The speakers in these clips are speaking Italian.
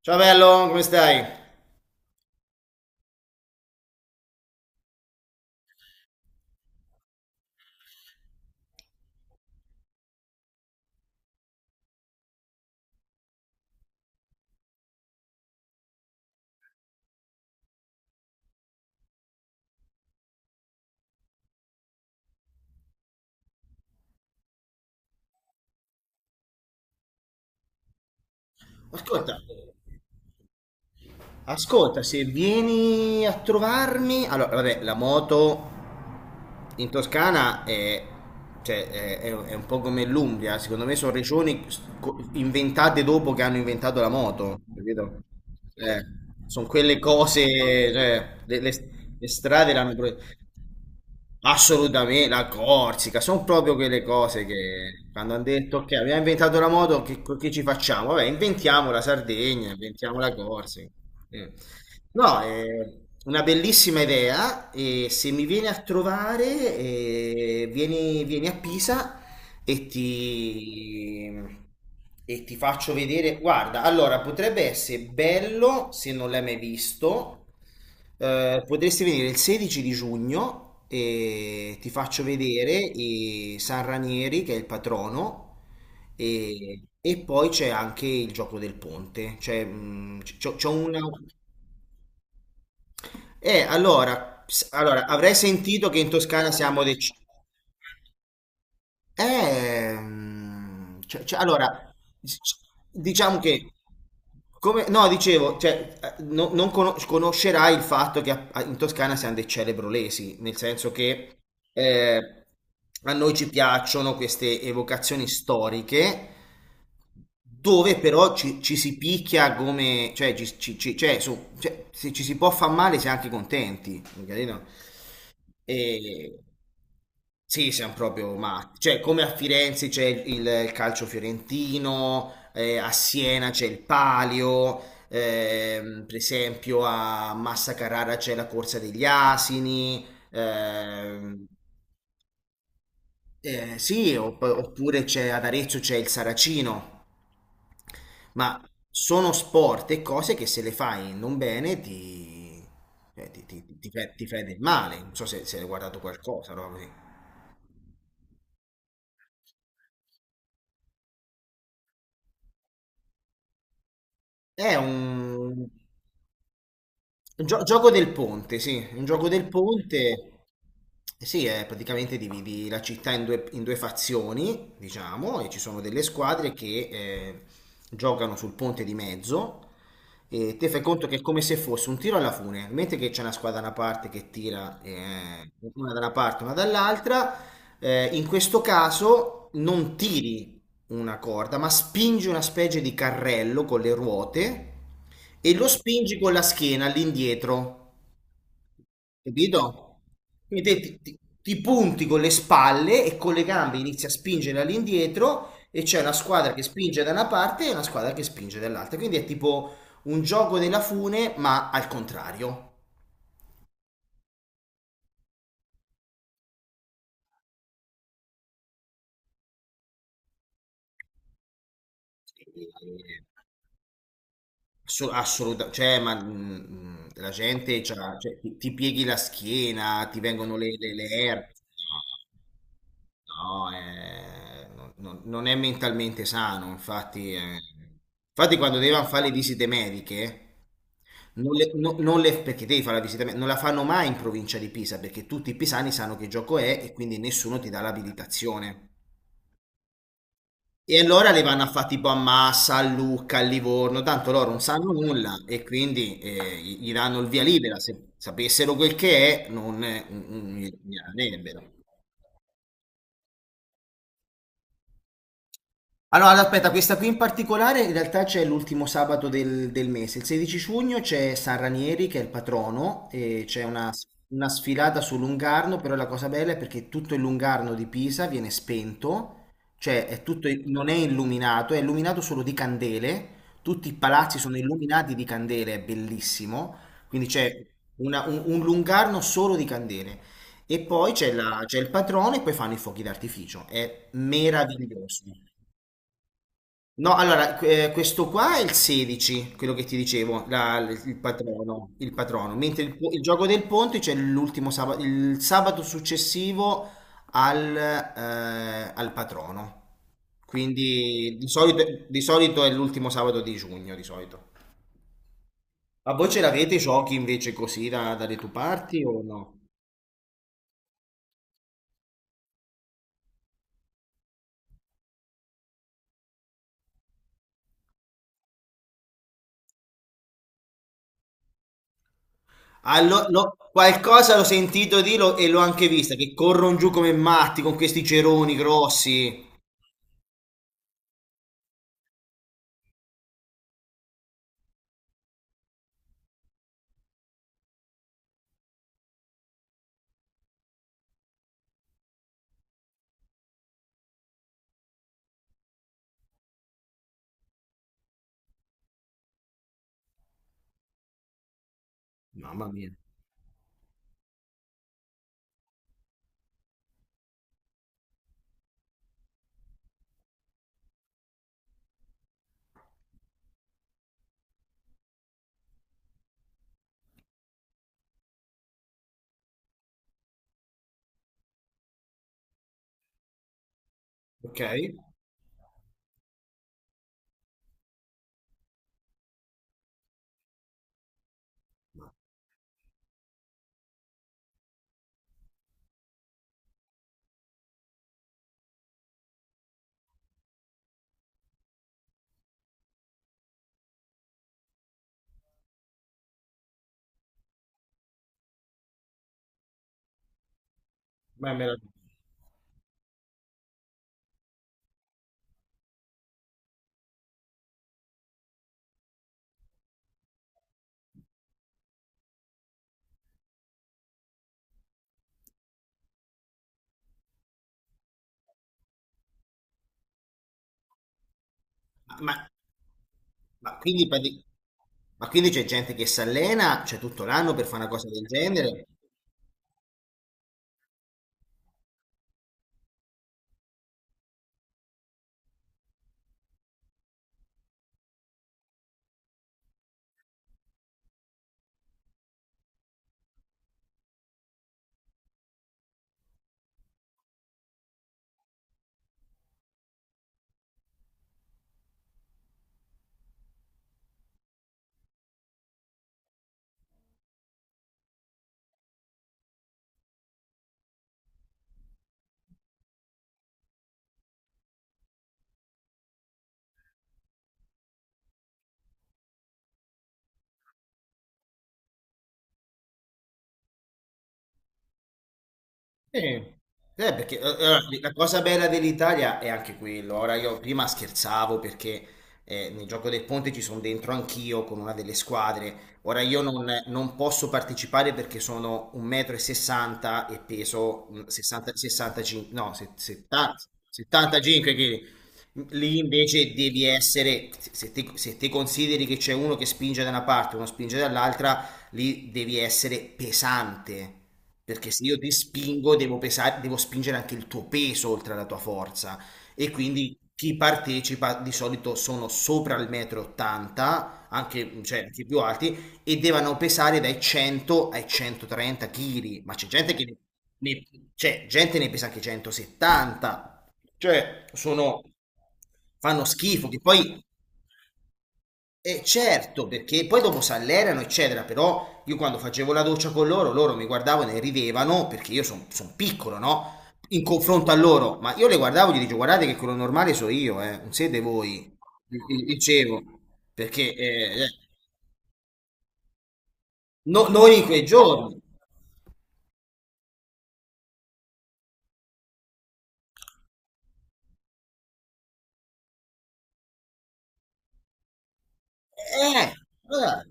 Ciao bello, come stai? Ascolta, ascolta, se vieni a trovarmi, allora vabbè, la moto in Toscana è, cioè, è un po' come l'Umbria, secondo me sono regioni inventate dopo che hanno inventato la moto, capito? Sono quelle cose, cioè, le strade l'hanno. Assolutamente, la Corsica, sono proprio quelle cose che quando hanno detto ok, abbiamo inventato la moto, che ci facciamo? Vabbè, inventiamo la Sardegna, inventiamo la Corsica. Eh. No, è una bellissima idea e se mi vieni a trovare, vieni a Pisa e ti, e ti faccio vedere. Guarda, allora potrebbe essere bello se non l'hai mai visto. Potresti venire il 16 di giugno e ti faccio vedere i San Ranieri, che è il patrono, e poi c'è anche il gioco del ponte. Cioè, c'ho una. Allora, avrei sentito che in Toscana siamo decisi. Ehm, cioè- cioè, allora, s- s- diciamo che, come, no, dicevo, cioè, non conoscerai il fatto che in Toscana siamo dei celebrolesi, nel senso che eh, a noi ci piacciono queste evocazioni storiche, dove però ci si picchia come, cioè, cioè, cioè, se ci si può far male si è anche contenti, capito? E sì, siamo proprio matti. Cioè, come a Firenze c'è il calcio fiorentino, a Siena c'è il Palio, per esempio a Massa Carrara c'è la corsa degli asini. ehm, sì, oppure c'è ad Arezzo c'è il Saracino. Ma sono sport e cose che se le fai non bene ti fai del male. Non so se hai guardato qualcosa, no? È un gioco del ponte, sì, un gioco del ponte. Sì, è praticamente dividi la città in due fazioni, diciamo, e ci sono delle squadre che giocano sul ponte di mezzo e te fai conto che è come se fosse un tiro alla fune, mentre che c'è una squadra da una parte che tira, una da una parte, una dall'altra, in questo caso non tiri una corda, ma spingi una specie di carrello con le ruote e lo spingi con la schiena all'indietro, capito? Quindi te ti punti con le spalle e con le gambe inizi a spingere all'indietro e c'è una squadra che spinge da una parte e una squadra che spinge dall'altra. Quindi è tipo un gioco della fune, ma al contrario. Assolutamente, cioè, ma la gente cioè, ti pieghi la schiena, ti vengono le ernie. No, no, non è mentalmente sano, infatti. Infatti quando devono fare le visite mediche, non le, no- non le- perché devi fare la visita medica, non la fanno mai in provincia di Pisa, perché tutti i pisani sanno che gioco è e quindi nessuno ti dà l'abilitazione. E allora le vanno a fare tipo a Massa, a Lucca, a Livorno, tanto loro non sanno nulla e quindi gli danno il via libera. Se sapessero quel che è, non gli darebbero. Allora, aspetta, questa qui in particolare in realtà c'è l'ultimo sabato del mese. Il 16 giugno c'è San Ranieri che è il patrono e c'è una sfilata su Lungarno, però la cosa bella è perché tutto il Lungarno di Pisa viene spento, cioè è tutto, non è illuminato, è illuminato solo di candele, tutti i palazzi sono illuminati di candele, è bellissimo, quindi c'è un Lungarno solo di candele. E poi c'è c'è il patrono e poi fanno i fuochi d'artificio, è meraviglioso. No, allora, questo qua è il 16, quello che ti dicevo, il patrono, il patrono. Mentre il gioco del ponte c'è l'ultimo sabato, il sabato successivo al patrono. Quindi di solito è l'ultimo sabato di giugno, di solito. Ma voi ce l'avete i giochi invece così dalle tue parti o no? Ah, qualcosa l'ho sentito e l'ho anche vista, che corrono giù come matti con questi ceroni grossi. Mamma mia. Ok. Ma me la. Ma, ma quindi, prati- ma quindi, c'è gente che si allena, cioè tutto l'anno per fare una cosa del genere? Sì. Perché allora, la cosa bella dell'Italia è anche quello. Ora io prima scherzavo perché nel gioco del ponte ci sono dentro anch'io con una delle squadre. Ora io non posso partecipare perché sono 1,60 m e 60 e peso 60, 65, no, 70 75 kg. Lì invece devi essere, se te consideri che c'è uno che spinge da una parte, uno spinge dall'altra, lì devi essere pesante, perché se io ti spingo devo pesare, devo spingere anche il tuo peso oltre alla tua forza e quindi chi partecipa di solito sono sopra il metro 80, anche, cioè, anche più alti, e devono pesare dai 100 ai 130 kg, ma ne- c'è gente ne pesa anche 170, cioè sono, fanno schifo, che poi certo, perché poi dopo s'allenano, eccetera, però io quando facevo la doccia con loro, loro mi guardavano e ridevano perché io sono piccolo, no? In confronto a loro, ma io le guardavo e gli dicevo, guardate che quello normale sono io, non siete voi. Gli dicevo, perché non in quei giorni. Eh, guarda.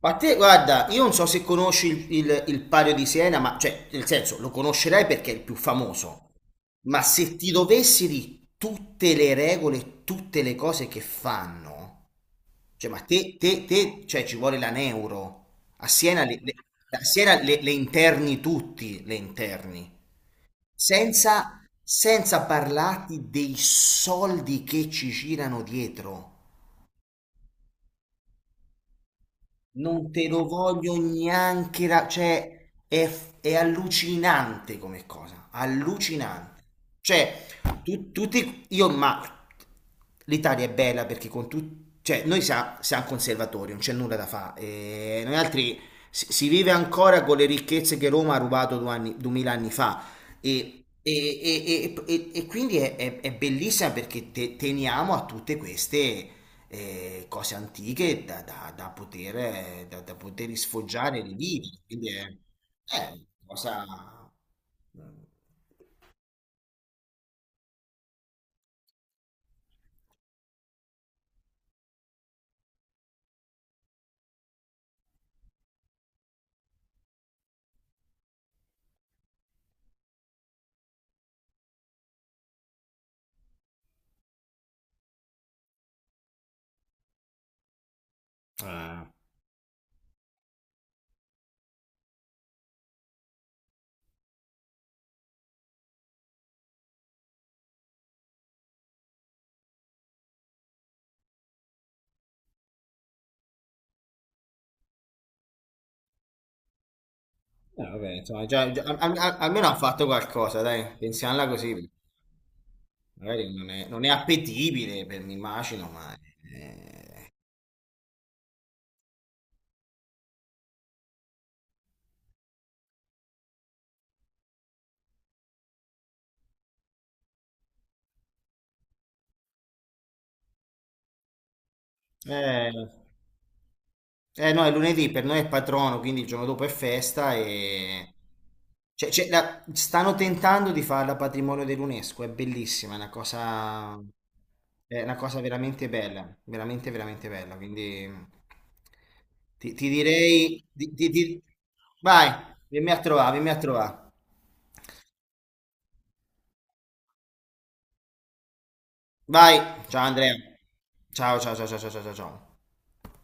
Ma te, guarda, io non so se conosci il Palio di Siena, ma cioè, nel senso, lo conoscerai perché è il più famoso. Ma se ti dovessi di tutte le regole, tutte le cose che fanno, cioè, ma te cioè, ci vuole la neuro. A Siena, le interni tutti, le interni, senza parlarti dei soldi che ci girano dietro. Non te lo voglio neanche cioè è allucinante come cosa, allucinante. Cioè, tutti io ma l'Italia è bella perché con tutti cioè noi siamo conservatori, non c'è nulla da fare. Noi altri si vive ancora con le ricchezze che Roma ha rubato 2000 anni fa e quindi è bellissima perché teniamo a tutte queste cose antiche da poter sfoggiare e rivivere. Quindi è una cosa. Ah, vabbè, insomma, almeno hanno fatto qualcosa, dai, pensiamola così. Magari non è appetibile per mi immagino, eh, Eh no, è lunedì, per noi è patrono, quindi il giorno dopo è festa e. Cioè, stanno tentando di farla patrimonio dell'UNESCO, è bellissima, è una cosa. È una cosa veramente bella, veramente, veramente bella, quindi ti direi. Vai, vieni a trovare, vieni a trovare. Vai, ciao Andrea. Ciao, ciao, ciao, ciao, ciao, ciao, ciao. Ciao.